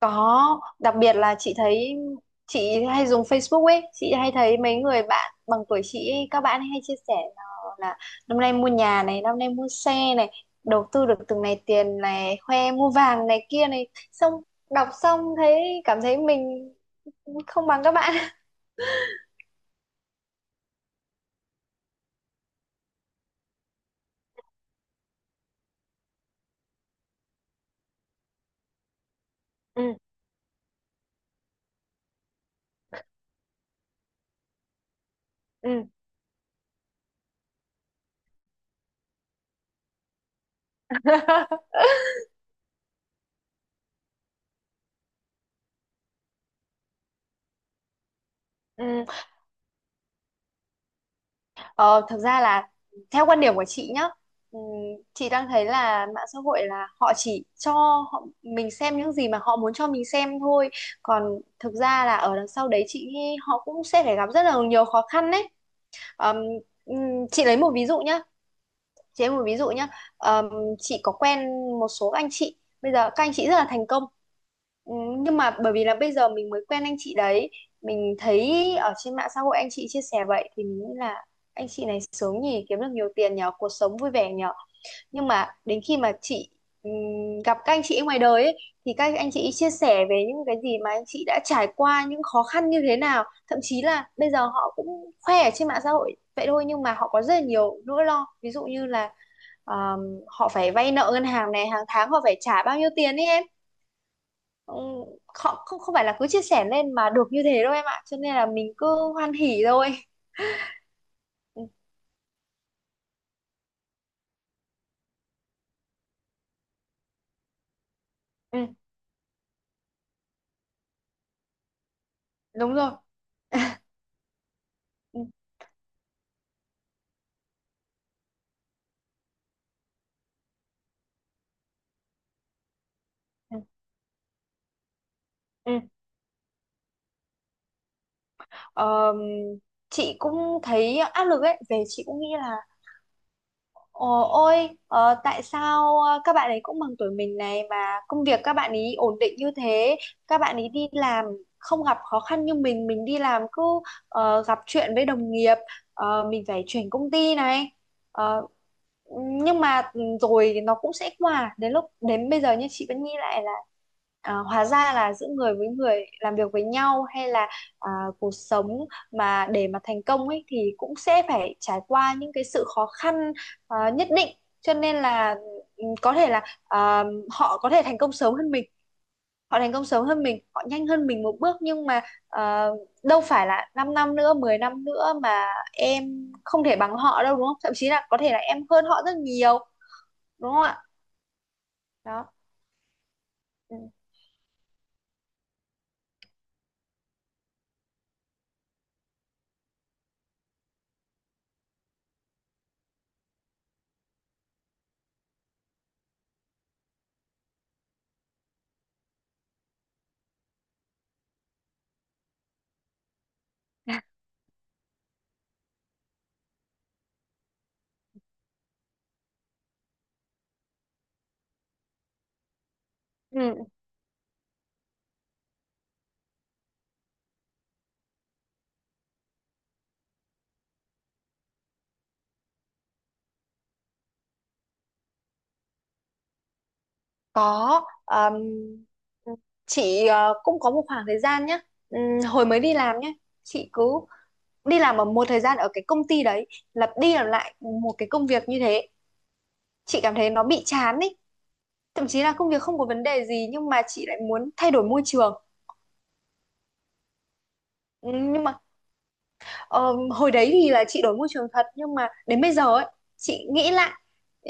Có, đặc biệt là chị thấy chị hay dùng Facebook ấy, chị hay thấy mấy người bạn bằng tuổi chị ấy, các bạn ấy hay chia sẻ là năm nay mua nhà này, năm nay mua xe này, đầu tư được từng này tiền này, khoe mua vàng này kia này, xong đọc xong thấy cảm thấy mình không bằng các bạn. Ừ, ừ. Ừ. Ờ, thực ra là theo quan điểm của chị nhá, ừm, chị đang thấy là mạng xã hội là họ chỉ cho họ, mình xem những gì mà họ muốn cho mình xem thôi. Còn thực ra là ở đằng sau đấy chị nghĩ họ cũng sẽ phải gặp rất là nhiều khó khăn đấy. Ờm, chị lấy một ví dụ nhá, chị em một ví dụ nhá, ờm, chị có quen một số anh chị, bây giờ các anh chị rất là thành công. Ừ, nhưng mà bởi vì là bây giờ mình mới quen anh chị đấy, mình thấy ở trên mạng xã hội anh chị chia sẻ vậy thì mình nghĩ là anh chị này sướng nhỉ, kiếm được nhiều tiền nhở, cuộc sống vui vẻ nhở. Nhưng mà đến khi mà chị ừm, gặp các anh chị ngoài đời ấy, thì các anh chị chia sẻ về những cái gì mà anh chị đã trải qua, những khó khăn như thế nào, thậm chí là bây giờ họ cũng khoe ở trên mạng xã hội vậy thôi nhưng mà họ có rất là nhiều nỗi lo, ví dụ như là Ờ, họ phải vay nợ ngân hàng này, hàng tháng họ phải trả bao nhiêu tiền ấy em. Ừ, họ không không phải là cứ chia sẻ lên mà được như thế đâu em ạ, cho nên là mình cứ hoan hỉ thôi. Ừ, ừ, đúng rồi. Ừ, ừ, ừ. Ờ, chị cũng thấy áp lực ấy, về chị cũng nghĩ là: Ồ, ôi, tại sao các bạn ấy cũng bằng tuổi mình này mà công việc các bạn ấy ổn định như thế, các bạn ấy đi làm không gặp khó khăn như mình đi làm cứ gặp chuyện với đồng nghiệp, mình phải chuyển công ty này. Ờ, nhưng mà rồi nó cũng sẽ qua, đến lúc đến bây giờ như chị vẫn nghĩ lại là hóa ra là giữa người với người làm việc với nhau hay là à, cuộc sống mà để mà thành công ấy thì cũng sẽ phải trải qua những cái sự khó khăn nhất định. Cho nên là có thể là họ có thể thành công sớm hơn mình, họ thành công sớm hơn mình, họ nhanh hơn mình một bước, nhưng mà ờ, đâu phải là 5 năm nữa, 10 năm nữa mà em không thể bằng họ đâu, đúng không? Thậm chí là có thể là em hơn họ rất nhiều, đúng không ạ? Đó. Ừ. Ừ, có. Ừ, chị cũng có một khoảng thời gian nhé, hồi mới đi làm nhé, chị cứ đi làm ở một thời gian ở cái công ty đấy, lặp đi lặp lại một cái công việc như thế, chị cảm thấy nó bị chán ấy, thậm chí là công việc không có vấn đề gì nhưng mà chị lại muốn thay đổi môi trường. Ừ, nhưng mà ờ, hồi đấy thì là chị đổi môi trường thật, nhưng mà đến bây giờ ấy chị nghĩ lại,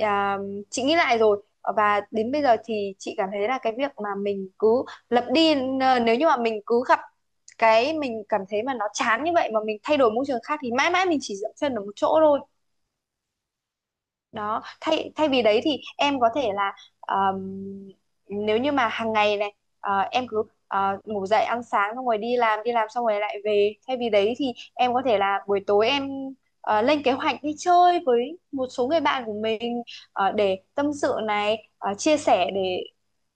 à, chị nghĩ lại rồi, và đến bây giờ thì chị cảm thấy là cái việc mà mình cứ lặp đi, nếu như mà mình cứ gặp cái mình cảm thấy mà nó chán như vậy mà mình thay đổi môi trường khác thì mãi mãi mình chỉ dậm chân ở một chỗ thôi. Đó, thay thay vì đấy thì em có thể là, ờm, nếu như mà hàng ngày này em cứ ngủ dậy ăn sáng xong rồi đi làm, đi làm xong rồi lại về, thay vì đấy thì em có thể là buổi tối em lên kế hoạch đi chơi với một số người bạn của mình, để tâm sự này, chia sẻ để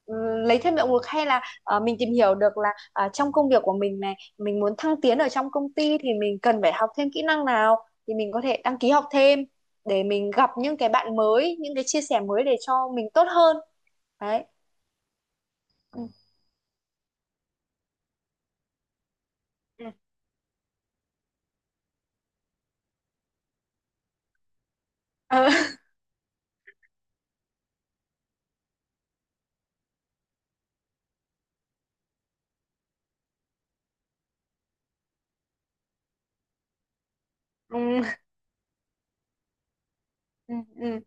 ừ, lấy thêm động lực, hay là mình tìm hiểu được là trong công việc của mình này mình muốn thăng tiến ở trong công ty thì mình cần phải học thêm kỹ năng nào, thì mình có thể đăng ký học thêm để mình gặp những cái bạn mới, những cái chia sẻ mới để cho mình tốt hơn. Đấy. Ừ. Ừ. Ờ. Ừ, ừ, ừ.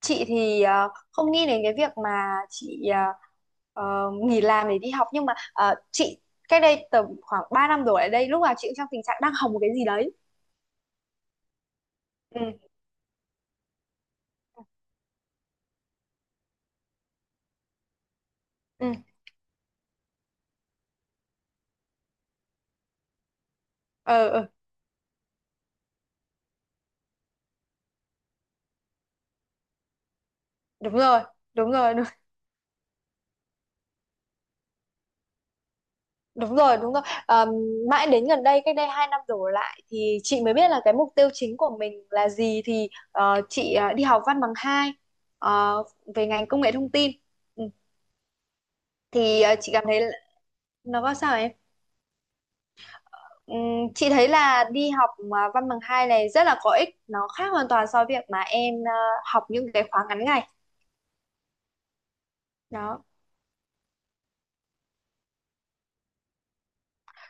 Chị thì không nghĩ đến cái việc mà chị nghỉ làm để đi học, nhưng mà chị cách đây tầm khoảng 3 năm đổ lại đây lúc nào chị cũng trong tình trạng đang học một cái gì đấy. Ừ, ừ. Ờ, ừ, đúng rồi, đúng rồi. Đúng rồi, đúng rồi. Mãi đến gần đây, cách đây 2 năm đổ lại thì chị mới biết là cái mục tiêu chính của mình là gì, thì chị đi học văn bằng 2 ờ, về ngành công nghệ thông tin. Ừ. Thì chị cảm thấy là- nó có sao em? Chị thấy là đi học mà văn bằng 2 này rất là có ích, nó khác hoàn toàn so với việc mà em học những cái khóa ngắn ngày. Đó,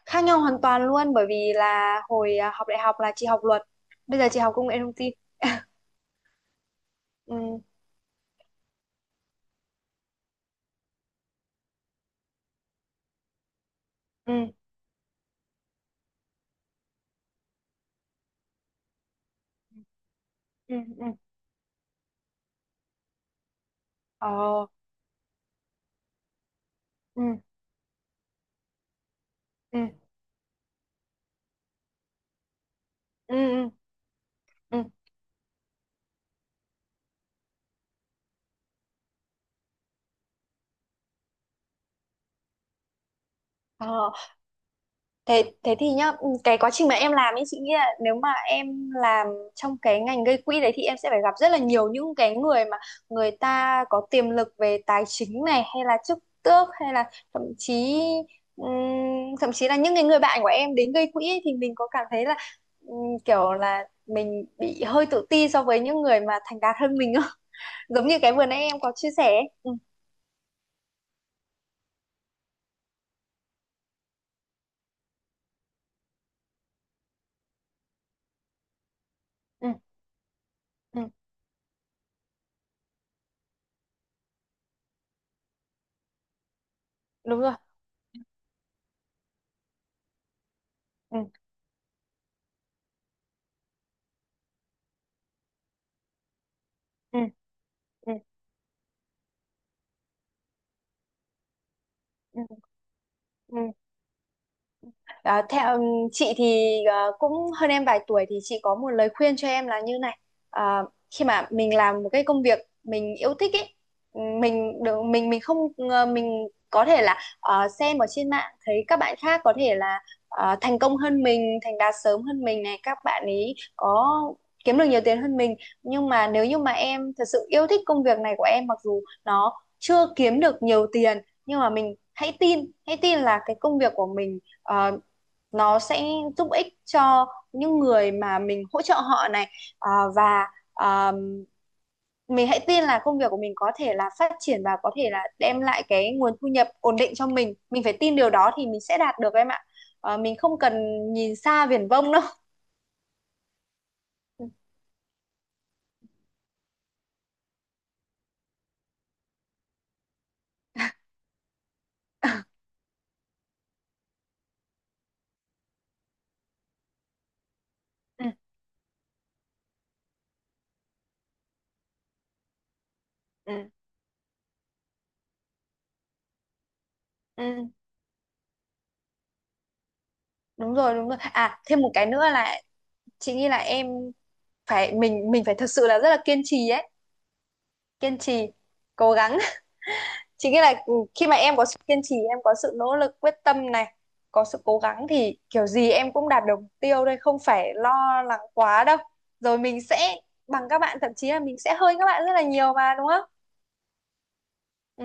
khác nhau hoàn toàn luôn, bởi vì là hồi học đại học là chị học luật, bây giờ chị học công nghệ thông tin. Ừ, ừ, ừ, ừ. Ờ. Ừ, ừ, ừ, ừ, ừ. ờ, thế thế thì nhá, cái quá trình mà em làm ấy chị nghĩ là nếu mà em làm trong cái ngành gây quỹ đấy thì em sẽ phải gặp rất là nhiều những cái người mà người ta có tiềm lực về tài chính này, hay là chức tước, hay là ừm, thậm chí là những cái người bạn của em đến gây quỹ ấy, thì mình có cảm thấy là kiểu là mình bị hơi tự ti so với những người mà thành đạt hơn mình không? Giống như cái vừa nãy em có chia sẻ ấy. Ừ, ừ, ừ, đúng rồi. Ừ, ừ, ừ, ừ. Ừ. À, theo chị thì cũng hơn em vài tuổi thì chị có một lời khuyên cho em là như này: à, khi mà mình làm một cái công việc mình yêu thích ấy, mình được mình không, mình có thể là xem ở trên mạng thấy các bạn khác có thể là thành công hơn mình, thành đạt sớm hơn mình này, các bạn ấy có kiếm được nhiều tiền hơn mình, nhưng mà nếu như mà em thật sự yêu thích công việc này của em, mặc dù nó chưa kiếm được nhiều tiền, nhưng mà mình hãy tin, hãy tin là cái công việc của mình nó sẽ giúp ích cho những người mà mình hỗ trợ họ này, à, và, à, mình hãy tin là công việc của mình có thể là phát triển và có thể là đem lại cái nguồn thu nhập ổn định cho mình phải tin điều đó thì mình sẽ đạt được em ạ. À, mình không cần nhìn xa viển vông đâu. Ừ, ừ, ừ, ừ. Đúng rồi, đúng rồi. À, thêm một cái nữa là chị nghĩ là em phải, mình phải thật sự là rất là kiên trì ấy, kiên trì, cố gắng, chính nghĩa là khi mà em có sự kiên trì, em có sự nỗ lực quyết tâm này, có sự cố gắng, thì kiểu gì em cũng đạt được mục tiêu đây, không phải lo lắng quá đâu, rồi mình sẽ bằng các bạn, thậm chí là mình sẽ hơn các bạn rất là nhiều mà, đúng không? Ừ,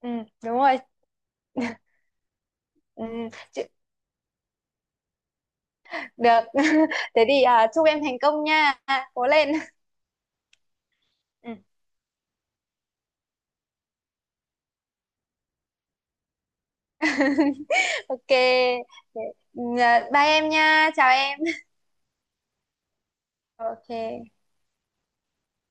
ừ, đúng rồi. Ừ. chị- Được. Thế thì chúc em thành công nha, cố lên. Ừ. Ok. Thế, bye em nha, chào em. Ok.